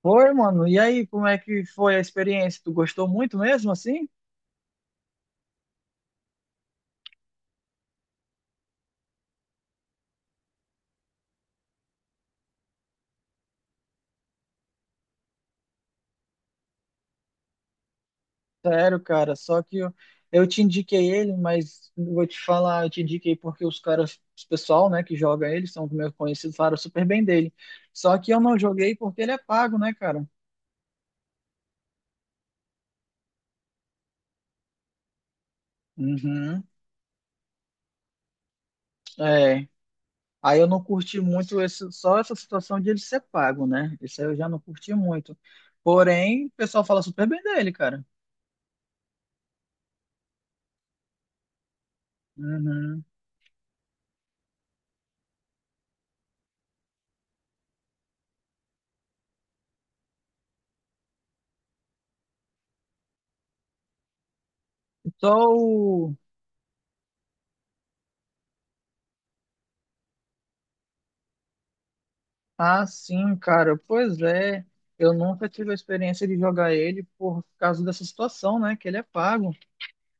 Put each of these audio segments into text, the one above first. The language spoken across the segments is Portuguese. Foi, mano. E aí, como é que foi a experiência? Tu gostou muito mesmo, assim? Sério, cara. Só que eu te indiquei ele, mas vou te falar, eu te indiquei porque os pessoal, né, que joga ele, são meus conhecidos, falaram super bem dele. Só que eu não joguei porque ele é pago, né, cara? Uhum. É. Aí eu não curti muito esse, só essa situação de ele ser pago, né? Isso aí eu já não curti muito. Porém, o pessoal fala super bem dele, cara. Uhum. Só o ah, sim, cara. Pois é. Eu nunca tive a experiência de jogar ele por causa dessa situação, né? Que ele é pago.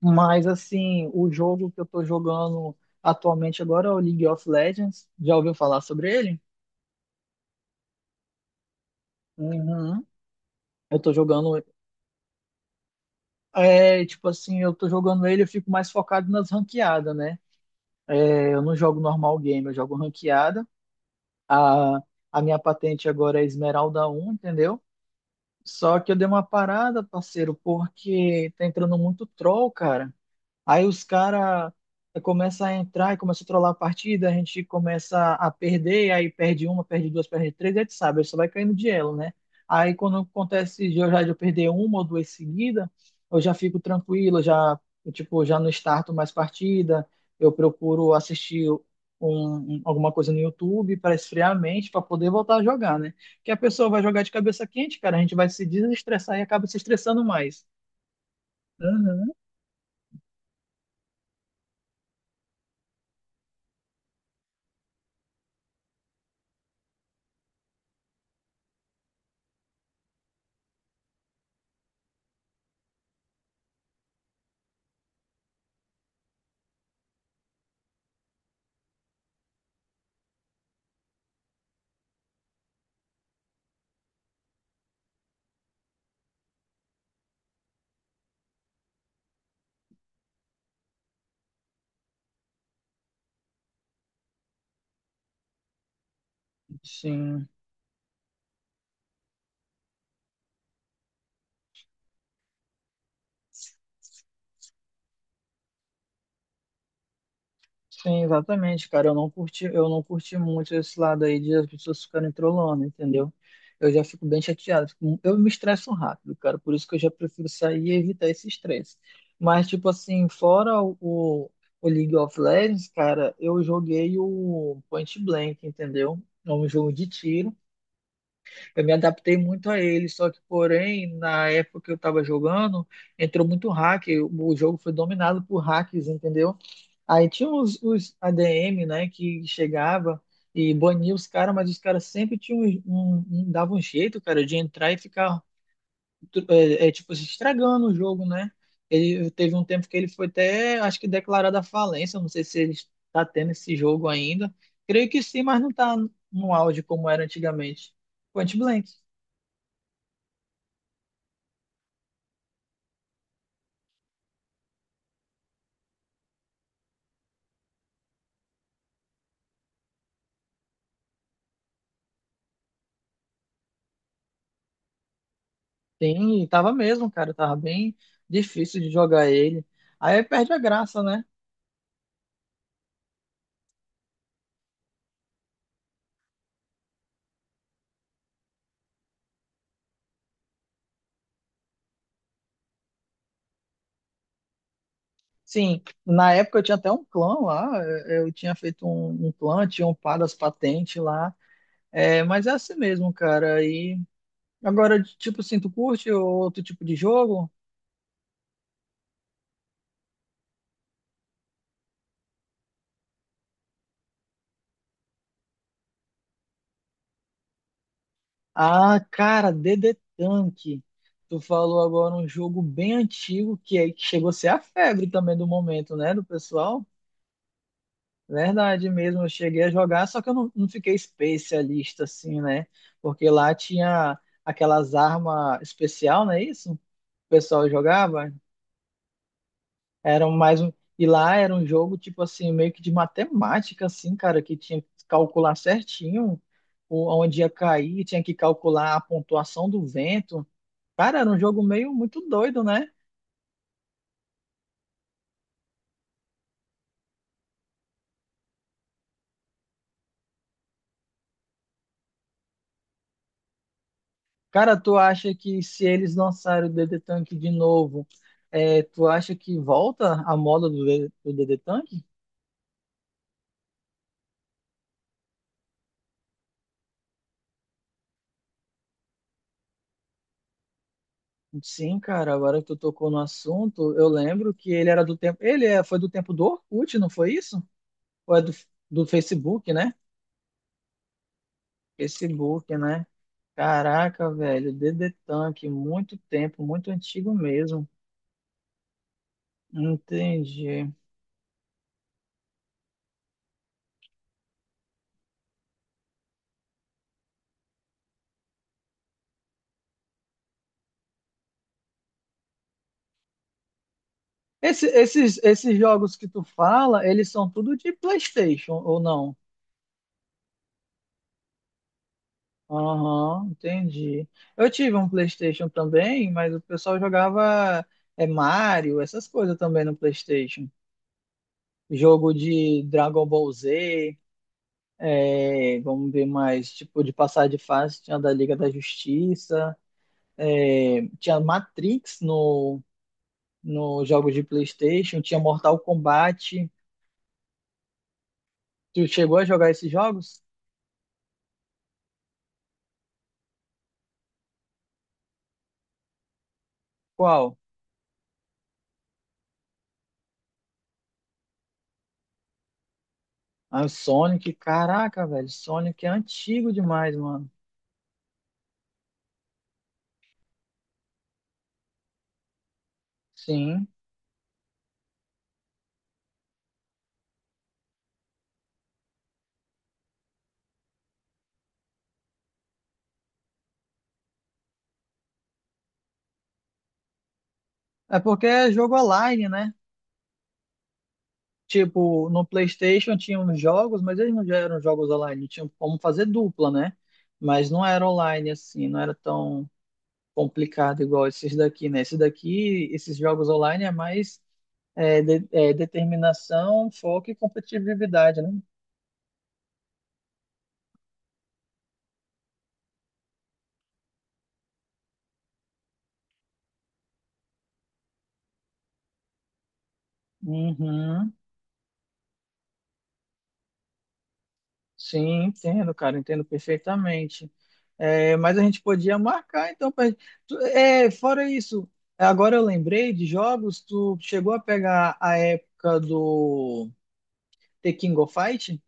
Mas, assim, o jogo que eu tô jogando atualmente agora é o League of Legends. Já ouviu falar sobre ele? Uhum. Eu tô jogando. É, tipo assim, eu tô jogando ele, eu fico mais focado nas ranqueadas, né? Eu não jogo normal game, eu jogo ranqueada. A, a minha patente agora é Esmeralda um, entendeu? Só que eu dei uma parada, parceiro, porque tá entrando muito troll, cara. Aí os caras começam a entrar e começam a trollar a partida, a gente começa a perder, aí perde uma, perde duas, perde três, e a gente sabe, aí só vai caindo de elo, né? Aí quando acontece de eu perder uma ou duas seguidas, eu já fico tranquilo, eu já não starto mais partida, eu procuro assistir alguma coisa no YouTube para esfriar a mente, para poder voltar a jogar, né? Porque a pessoa vai jogar de cabeça quente, cara, a gente vai se desestressar e acaba se estressando mais. Uhum. Sim. Sim, exatamente, cara. Eu não curti muito esse lado aí de as pessoas ficarem trolando, entendeu? Eu já fico bem chateado. Eu me estresso rápido, cara. Por isso que eu já prefiro sair e evitar esse estresse. Mas, tipo assim, fora o League of Legends, cara, eu joguei o Point Blank, entendeu? É um jogo de tiro. Eu me adaptei muito a ele, só que, porém, na época que eu estava jogando, entrou muito hack, o jogo foi dominado por hacks, entendeu? Aí tinha os ADM, né, que chegava e bania os caras, mas os caras sempre tinham dava um jeito, cara, de entrar e ficar, é, tipo, se estragando o jogo, né? Ele teve um tempo que ele foi até, acho que declarado a falência, não sei se ele está tendo esse jogo ainda. Creio que sim, mas não está no auge como era antigamente. Point Blank. Sim, e tava mesmo, cara, tava bem difícil de jogar ele. Aí perde a graça, né? Sim, na época eu tinha até um clã lá, eu tinha feito um clã, tinha upado as patentes lá, é, mas é assim mesmo, cara. E agora, tipo assim, tu curte outro tipo de jogo? Ah, cara, DD Tank. Tu falou agora um jogo bem antigo que, é, que chegou a ser a febre também do momento, né, do pessoal? Verdade mesmo, eu cheguei a jogar, só que eu não fiquei especialista assim, né? Porque lá tinha aquelas armas especial, não é isso? O pessoal jogava. Era um mais um, e lá era um jogo tipo assim, meio que de matemática assim, cara, que tinha que calcular certinho onde ia cair, tinha que calcular a pontuação do vento. Cara, era um jogo meio muito doido, né? Cara, tu acha que se eles lançarem o DD Tank de novo, é, tu acha que volta a moda do DD Tank? Sim, cara, agora que tu tocou no assunto, eu lembro que ele era do tempo. Ele foi do tempo do Orkut, não foi isso? Ou é do Facebook, né? Facebook, né? Caraca, velho, DD Tank, muito tempo, muito antigo mesmo. Entendi. Esses jogos que tu fala, eles são tudo de PlayStation ou não? Aham, entendi. Eu tive um PlayStation também, mas o pessoal jogava é, Mario, essas coisas também no PlayStation. Jogo de Dragon Ball Z, é, vamos ver mais, tipo, de passar de fase, tinha da Liga da Justiça, é, tinha Matrix no jogo de PlayStation, tinha Mortal Kombat. Tu chegou a jogar esses jogos? Qual? Ah, o Sonic, caraca, velho, Sonic é antigo demais, mano. Sim. É porque é jogo online, né? Tipo, no PlayStation tinha uns jogos, mas eles não já eram jogos online. Tinham como fazer dupla, né? Mas não era online assim, não era tão complicado igual esses daqui, né? Esses daqui, esses jogos online é mais é, é, determinação, foco e competitividade, né? Uhum. Sim, entendo, cara, entendo perfeitamente. É, mas a gente podia marcar, então. Pra... É, fora isso, agora eu lembrei de jogos, tu chegou a pegar a época do The King of Fight?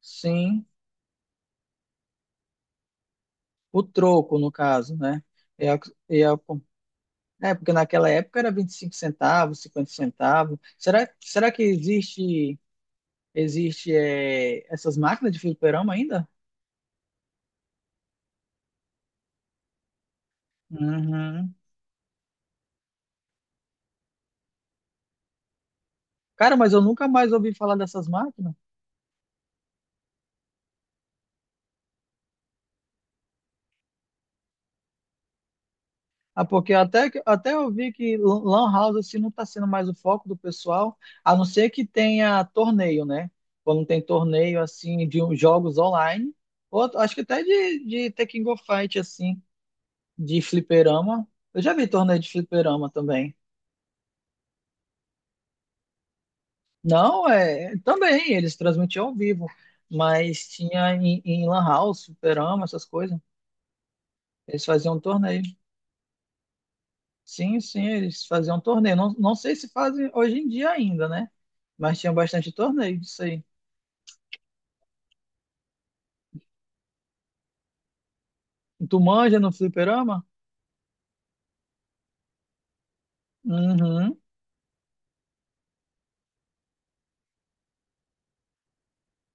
Sim, o troco, no caso, né? É, a- é, a- é, porque naquela época era 25 centavos, 50 centavos. Será que existe, existe é, essas máquinas de fliperama ainda? Uhum. Cara, mas eu nunca mais ouvi falar dessas máquinas. Ah, porque até, até eu vi que lan house assim, não está sendo mais o foco do pessoal, a não ser que tenha torneio, né? Quando tem torneio assim de uns jogos online, ou acho que até de Tekken Go Fight assim, de fliperama. Eu já vi torneio de fliperama também. Não, é, também eles transmitiam ao vivo, mas tinha em lan house, fliperama, essas coisas. Eles faziam torneio. Sim, sim, eles faziam torneio. Não, não sei se fazem hoje em dia ainda, né? Mas tinha bastante torneio disso aí. Tu manja no fliperama? Uhum.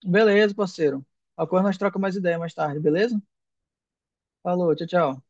Beleza, parceiro. A coisa nós trocamos mais ideia mais tarde, beleza? Falou, tchau, tchau.